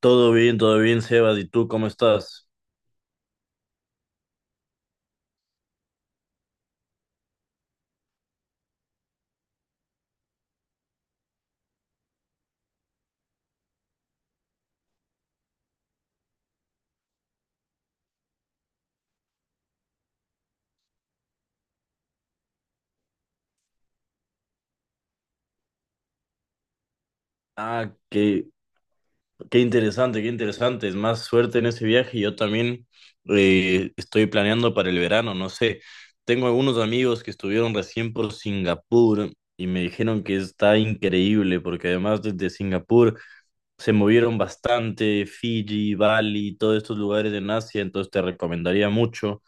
Todo bien, Sebas. ¿Y tú cómo estás? Ah, qué interesante, qué interesante. Es más suerte en ese viaje. Yo también estoy planeando para el verano. No sé, tengo algunos amigos que estuvieron recién por Singapur y me dijeron que está increíble porque además desde Singapur se movieron bastante, Fiji, Bali, todos estos lugares en Asia. Entonces te recomendaría mucho.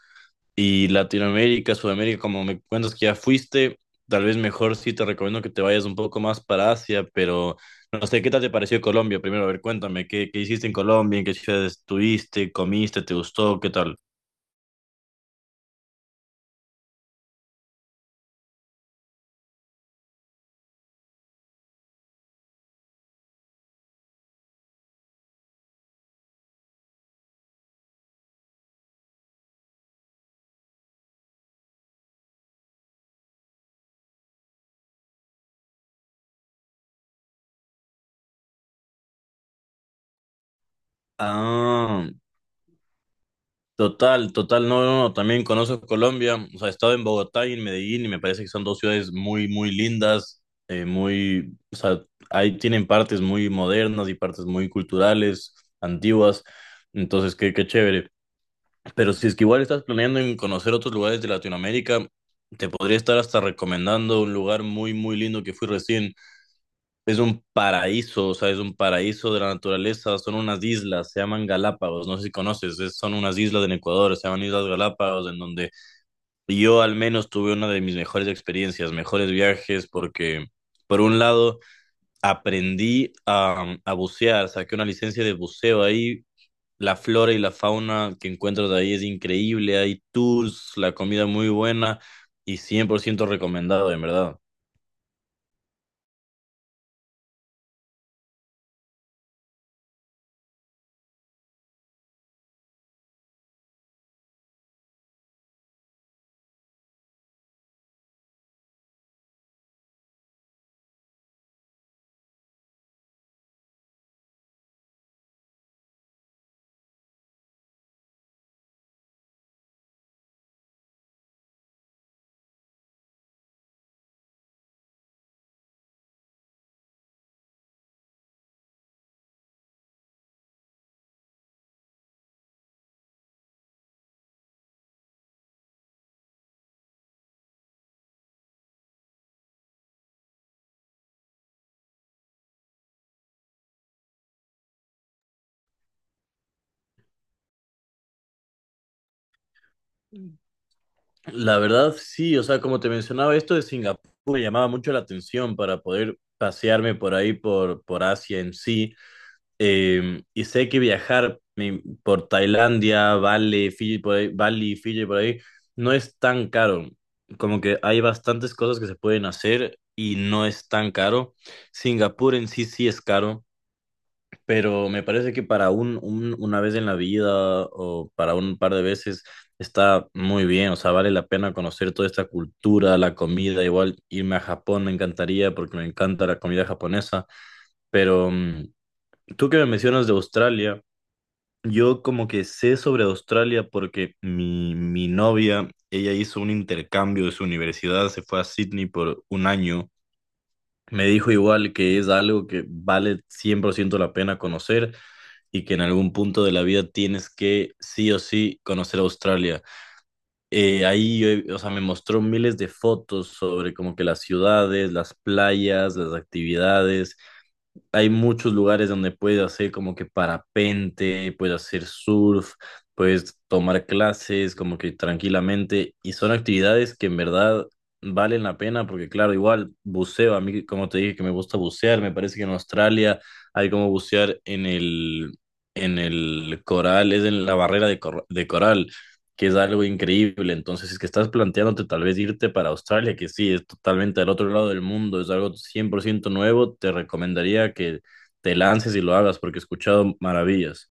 Y Latinoamérica, Sudamérica, como me cuentas que ya fuiste, tal vez mejor sí te recomiendo que te vayas un poco más para Asia, pero no sé, ¿qué tal te pareció Colombia? Primero, a ver, cuéntame, ¿qué hiciste en Colombia? ¿En qué ciudades estuviste? ¿Comiste? ¿Te gustó? ¿Qué tal? Ah, total, total, no, no, no, también conozco Colombia, o sea, he estado en Bogotá y en Medellín y me parece que son dos ciudades muy, muy lindas, muy, o sea, ahí tienen partes muy modernas y partes muy culturales, antiguas. Entonces, qué chévere. Pero si es que igual estás planeando en conocer otros lugares de Latinoamérica, te podría estar hasta recomendando un lugar muy, muy lindo que fui recién. Es un paraíso, o sea, es un paraíso de la naturaleza. Son unas islas, se llaman Galápagos, no sé si conoces, son unas islas en Ecuador, se llaman Islas Galápagos, en donde yo al menos tuve una de mis mejores experiencias, mejores viajes, porque por un lado aprendí a bucear, saqué una licencia de buceo ahí. La flora y la fauna que encuentras ahí es increíble, hay tours, la comida muy buena y 100% recomendado, en verdad. La verdad, sí, o sea, como te mencionaba, esto de Singapur me llamaba mucho la atención para poder pasearme por ahí, por Asia en sí. Y sé que viajar por Tailandia, Bali, Fiji, por ahí, no es tan caro. Como que hay bastantes cosas que se pueden hacer y no es tan caro. Singapur en sí sí es caro. Pero me parece que para una vez en la vida o para un par de veces está muy bien, o sea, vale la pena conocer toda esta cultura, la comida. Igual irme a Japón me encantaría porque me encanta la comida japonesa, pero tú que me mencionas de Australia, yo como que sé sobre Australia porque mi novia, ella hizo un intercambio de su universidad, se fue a Sydney por un año. Me dijo igual que es algo que vale 100% la pena conocer y que en algún punto de la vida tienes que sí o sí conocer Australia. Ahí, o sea, me mostró miles de fotos sobre como que las ciudades, las playas, las actividades, hay muchos lugares donde puedes hacer como que parapente, puedes hacer surf, puedes tomar clases como que tranquilamente y son actividades que en verdad valen la pena, porque claro, igual buceo, a mí como te dije que me gusta bucear, me parece que en Australia hay como bucear en el coral, es en la barrera de coral, que es algo increíble. Entonces, si es que estás planteándote tal vez irte para Australia, que sí, es totalmente al otro lado del mundo, es algo 100% nuevo, te recomendaría que te lances y lo hagas porque he escuchado maravillas.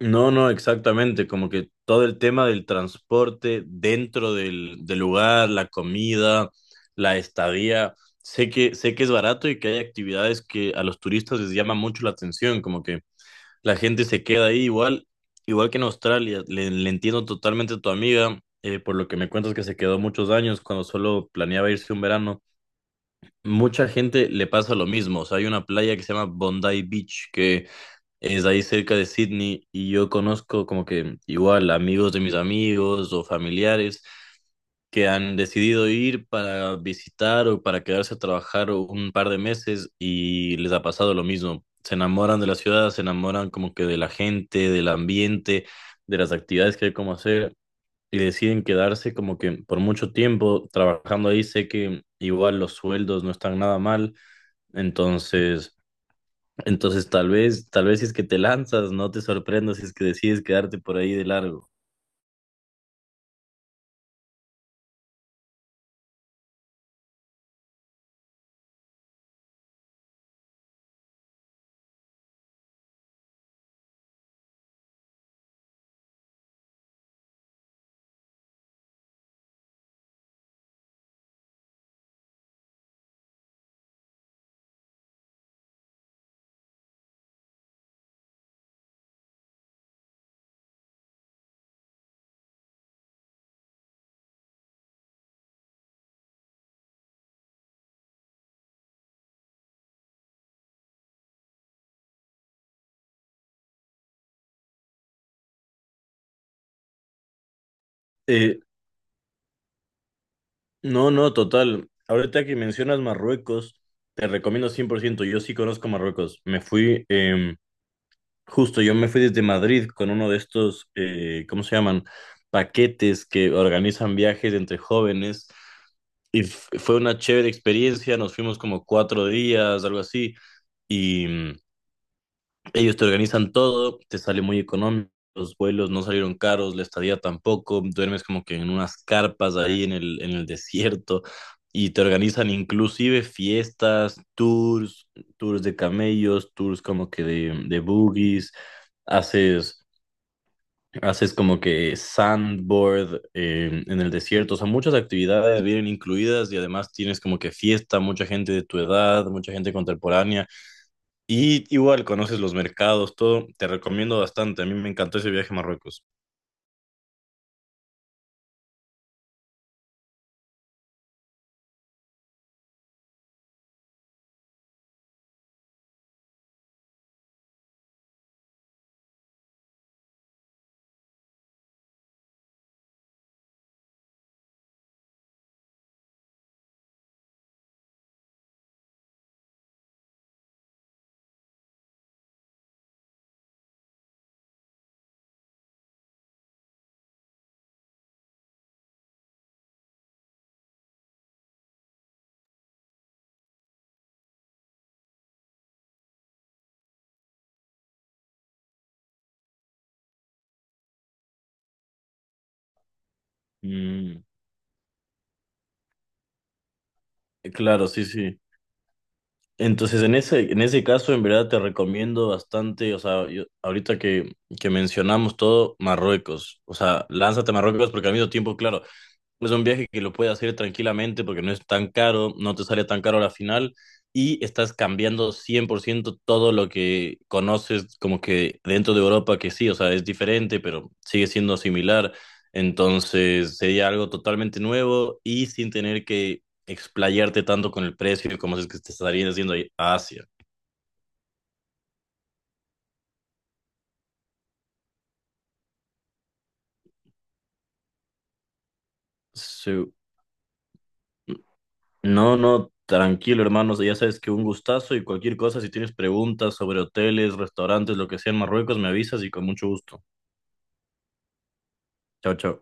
No, no, exactamente, como que todo el tema del transporte dentro del lugar, la comida, la estadía, sé que es barato y que hay actividades que a los turistas les llama mucho la atención, como que la gente se queda ahí igual, igual que en Australia. Le entiendo totalmente a tu amiga, por lo que me cuentas que se quedó muchos años cuando solo planeaba irse un verano. Mucha gente le pasa lo mismo. O sea, hay una playa que se llama Bondi Beach, que es ahí cerca de Sydney y yo conozco como que igual amigos de mis amigos o familiares que han decidido ir para visitar o para quedarse a trabajar un par de meses y les ha pasado lo mismo. Se enamoran de la ciudad, se enamoran como que de la gente, del ambiente, de las actividades que hay como hacer y deciden quedarse como que por mucho tiempo trabajando ahí. Sé que igual los sueldos no están nada mal, entonces. Entonces, tal vez si es que te lanzas, no te sorprendas si es que decides quedarte por ahí de largo. Eh, no, no, total. Ahorita que mencionas Marruecos, te recomiendo 100%. Yo sí conozco Marruecos. Me fui, justo yo me fui desde Madrid con uno de estos, ¿cómo se llaman? Paquetes que organizan viajes entre jóvenes. Y fue una chévere experiencia, nos fuimos como 4 días, algo así, y ellos te organizan todo, te sale muy económico, los vuelos no salieron caros, la estadía tampoco, duermes como que en unas carpas ahí en el desierto y te organizan inclusive fiestas, tours, tours de camellos, tours como que de buggies, haces, haces como que sandboard en el desierto. O sea, muchas actividades vienen incluidas y además tienes como que fiesta, mucha gente de tu edad, mucha gente contemporánea y igual conoces los mercados, todo. Te recomiendo bastante. A mí me encantó ese viaje a Marruecos. Mm, claro, sí, sí. Entonces, en ese caso, en verdad te recomiendo bastante, o sea, ahorita que mencionamos todo, Marruecos. O sea, lánzate a Marruecos porque al mismo tiempo, claro, es un viaje que lo puedes hacer tranquilamente porque no es tan caro, no te sale tan caro a la final y estás cambiando 100% todo lo que conoces como que dentro de Europa, que sí, o sea, es diferente, pero sigue siendo similar. Entonces sería algo totalmente nuevo y sin tener que explayarte tanto con el precio como si es que te estarías haciendo a Asia. Sí. No, no, tranquilo, hermano. Ya sabes que un gustazo y cualquier cosa, si tienes preguntas sobre hoteles, restaurantes, lo que sea en Marruecos, me avisas y con mucho gusto. Chao, chao.